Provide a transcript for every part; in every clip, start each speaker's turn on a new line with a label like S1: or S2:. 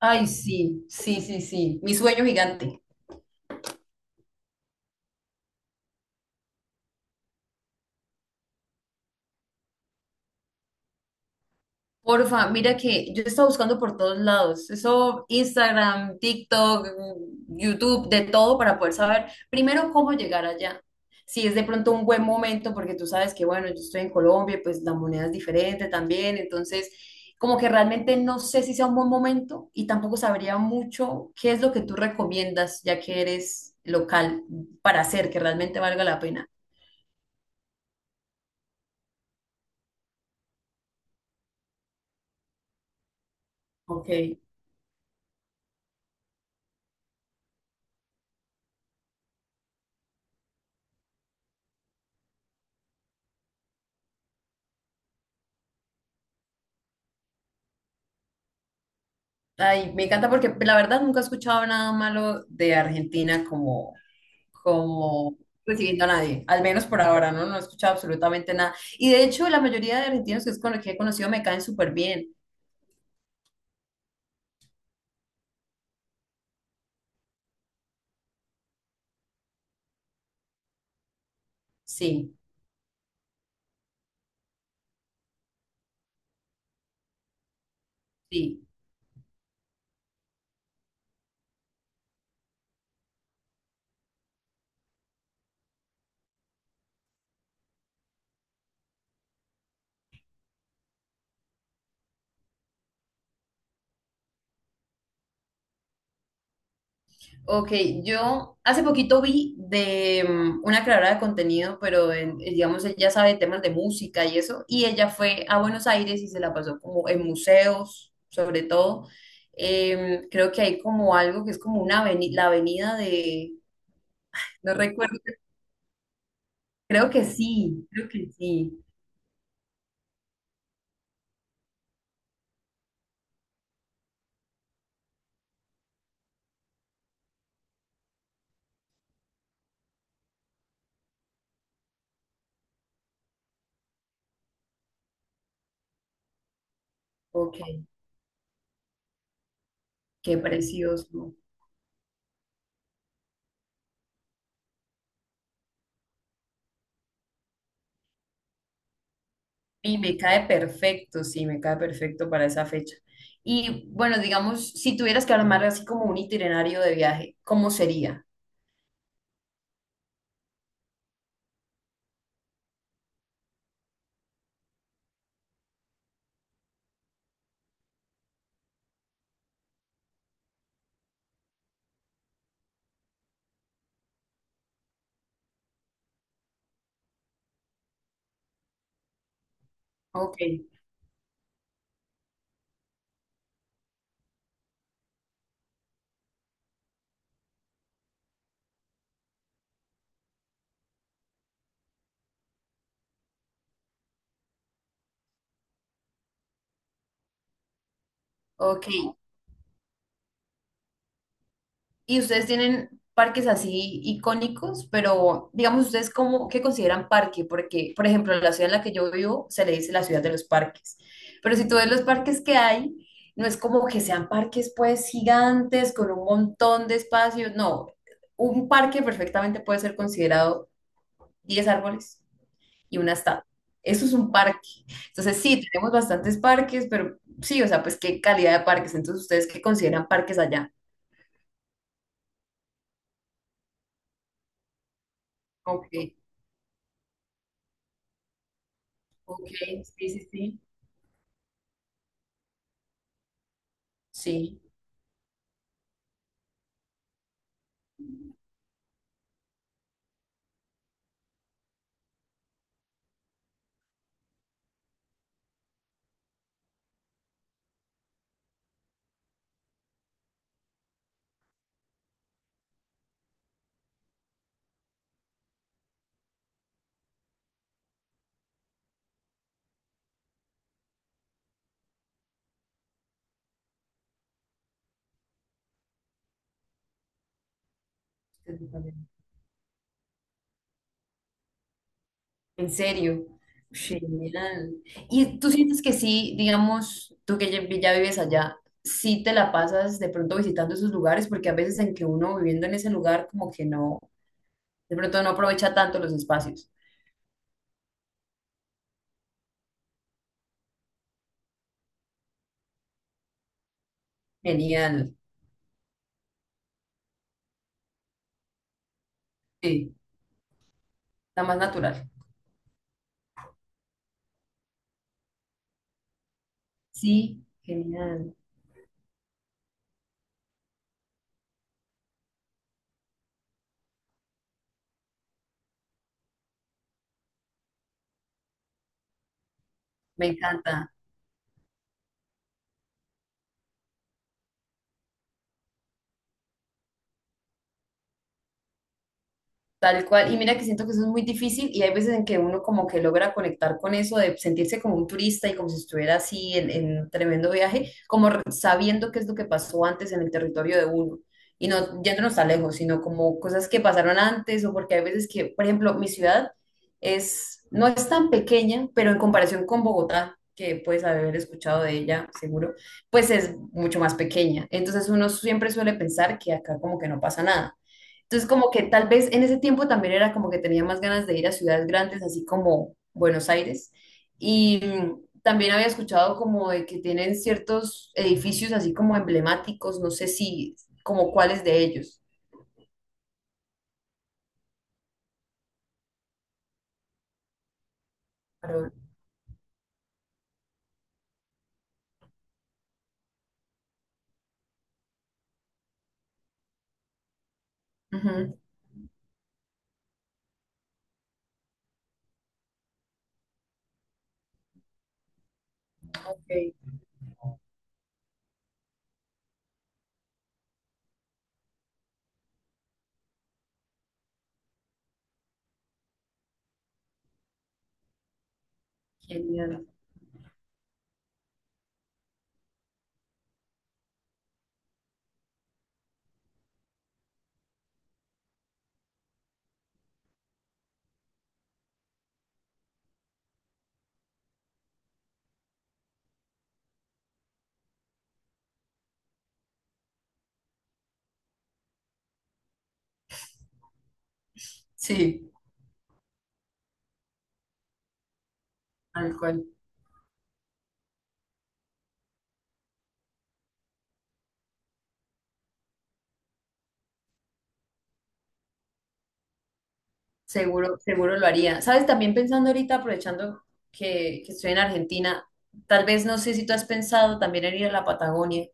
S1: Ay, sí, sí, sí, sí. Mi sueño gigante. Porfa, mira que yo estaba buscando por todos lados. Eso, Instagram, TikTok, YouTube, de todo para poder saber primero cómo llegar allá. Si es de pronto un buen momento, porque tú sabes que, bueno, yo estoy en Colombia, pues la moneda es diferente también. Entonces, como que realmente no sé si sea un buen momento y tampoco sabría mucho qué es lo que tú recomiendas, ya que eres local, para hacer que realmente valga la pena. Ok. Ay, me encanta porque la verdad nunca he escuchado nada malo de Argentina como, como recibiendo a nadie, al menos por ahora, ¿no? No he escuchado absolutamente nada. Y de hecho, la mayoría de argentinos que, que he conocido me caen súper bien. Sí, sí. Ok, yo hace poquito vi de una creadora de contenido, digamos ella sabe temas de música y eso, y ella fue a Buenos Aires y se la pasó como en museos, sobre todo. Creo que hay como algo que es como una la avenida de, no recuerdo, creo que sí, creo que sí. Ok, qué precioso. Y me cae perfecto, sí, me cae perfecto para esa fecha. Y bueno, digamos, si tuvieras que armar así como un itinerario de viaje, ¿cómo sería? Ok, ok. ¿Y ustedes tienen parques así icónicos? Pero digamos, ¿ustedes cómo, qué consideran parque? Porque, por ejemplo, la ciudad en la que yo vivo se le dice la ciudad de los parques. Pero si tú ves los parques que hay, no es como que sean parques pues gigantes con un montón de espacios. No, un parque perfectamente puede ser considerado 10 árboles y una estatua. Eso es un parque. Entonces, sí, tenemos bastantes parques, pero sí, o sea, pues qué calidad de parques. Entonces, ¿ustedes qué consideran parques allá? Ok, ok, sí, sí, sí, sí, ¿en serio? Genial. ¿Y tú sientes que sí, digamos, tú que ya, ya vives allá, sí te la pasas de pronto visitando esos lugares? Porque a veces en que uno viviendo en ese lugar como que no, de pronto no aprovecha tanto los espacios. Genial, sí, está más natural. Sí, genial, me encanta. Tal cual, y mira que siento que eso es muy difícil y hay veces en que uno como que logra conectar con eso de sentirse como un turista y como si estuviera así en un tremendo viaje, como sabiendo qué es lo que pasó antes en el territorio de uno y no yéndonos tan lejos, sino como cosas que pasaron antes o porque hay veces que, por ejemplo, mi ciudad es, no es tan pequeña, pero en comparación con Bogotá, que puedes haber escuchado de ella seguro, pues es mucho más pequeña. Entonces uno siempre suele pensar que acá como que no pasa nada, entonces, como que tal vez en ese tiempo también era como que tenía más ganas de ir a ciudades grandes, así como Buenos Aires. Y también había escuchado como de que tienen ciertos edificios así como emblemáticos, no sé si, como cuáles de ellos. Pero, ujú, ok, genial. Sí, tal cual. Seguro, seguro lo haría. ¿Sabes? También pensando ahorita, aprovechando que estoy en Argentina, tal vez no sé si tú has pensado también en ir a la Patagonia,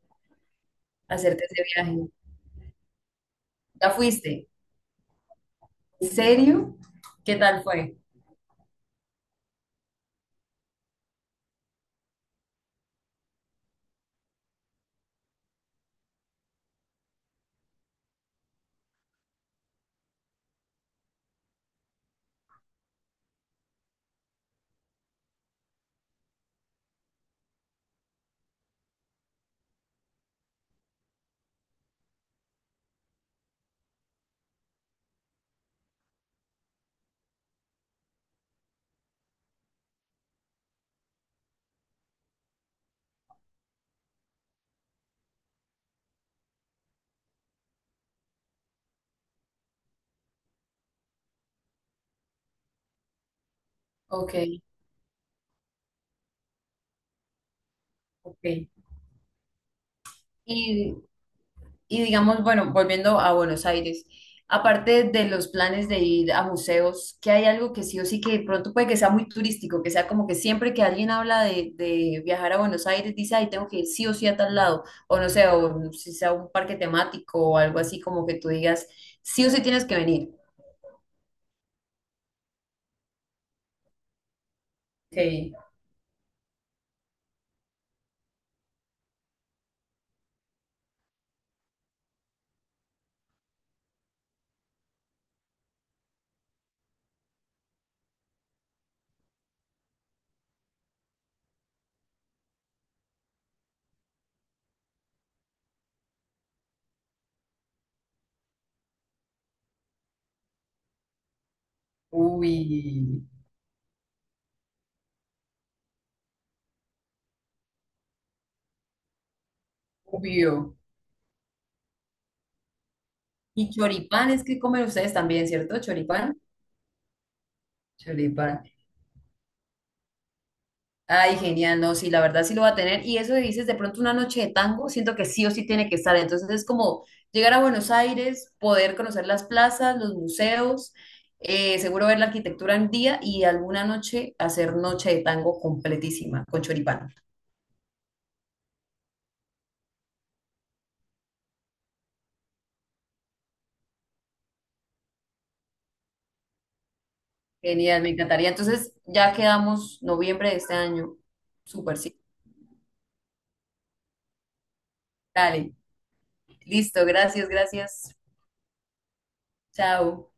S1: a hacerte ese viaje. ¿Ya fuiste? ¿En serio? ¿Qué tal fue? Ok, ok. Y, y digamos, bueno, volviendo a Buenos Aires, aparte de los planes de ir a museos, ¿qué hay algo que sí o sí que de pronto puede que sea muy turístico, que sea como que siempre que alguien habla de viajar a Buenos Aires, dice, ay, tengo que ir sí o sí a tal lado, o no sé, o si sea un parque temático o algo así como que tú digas, sí o sí tienes que venir. Ok. Uy, obvio. Y choripán es que comen ustedes también, ¿cierto? Choripán. Choripán. Ay, genial, no, sí, la verdad sí lo va a tener. Y eso que dices, de pronto una noche de tango, siento que sí o sí tiene que estar. Entonces es como llegar a Buenos Aires, poder conocer las plazas, los museos, seguro ver la arquitectura en día y alguna noche hacer noche de tango completísima con choripán. Genial, me encantaría. Entonces ya quedamos noviembre de este año. Súper, sí. Dale. Listo, gracias, gracias. Chao.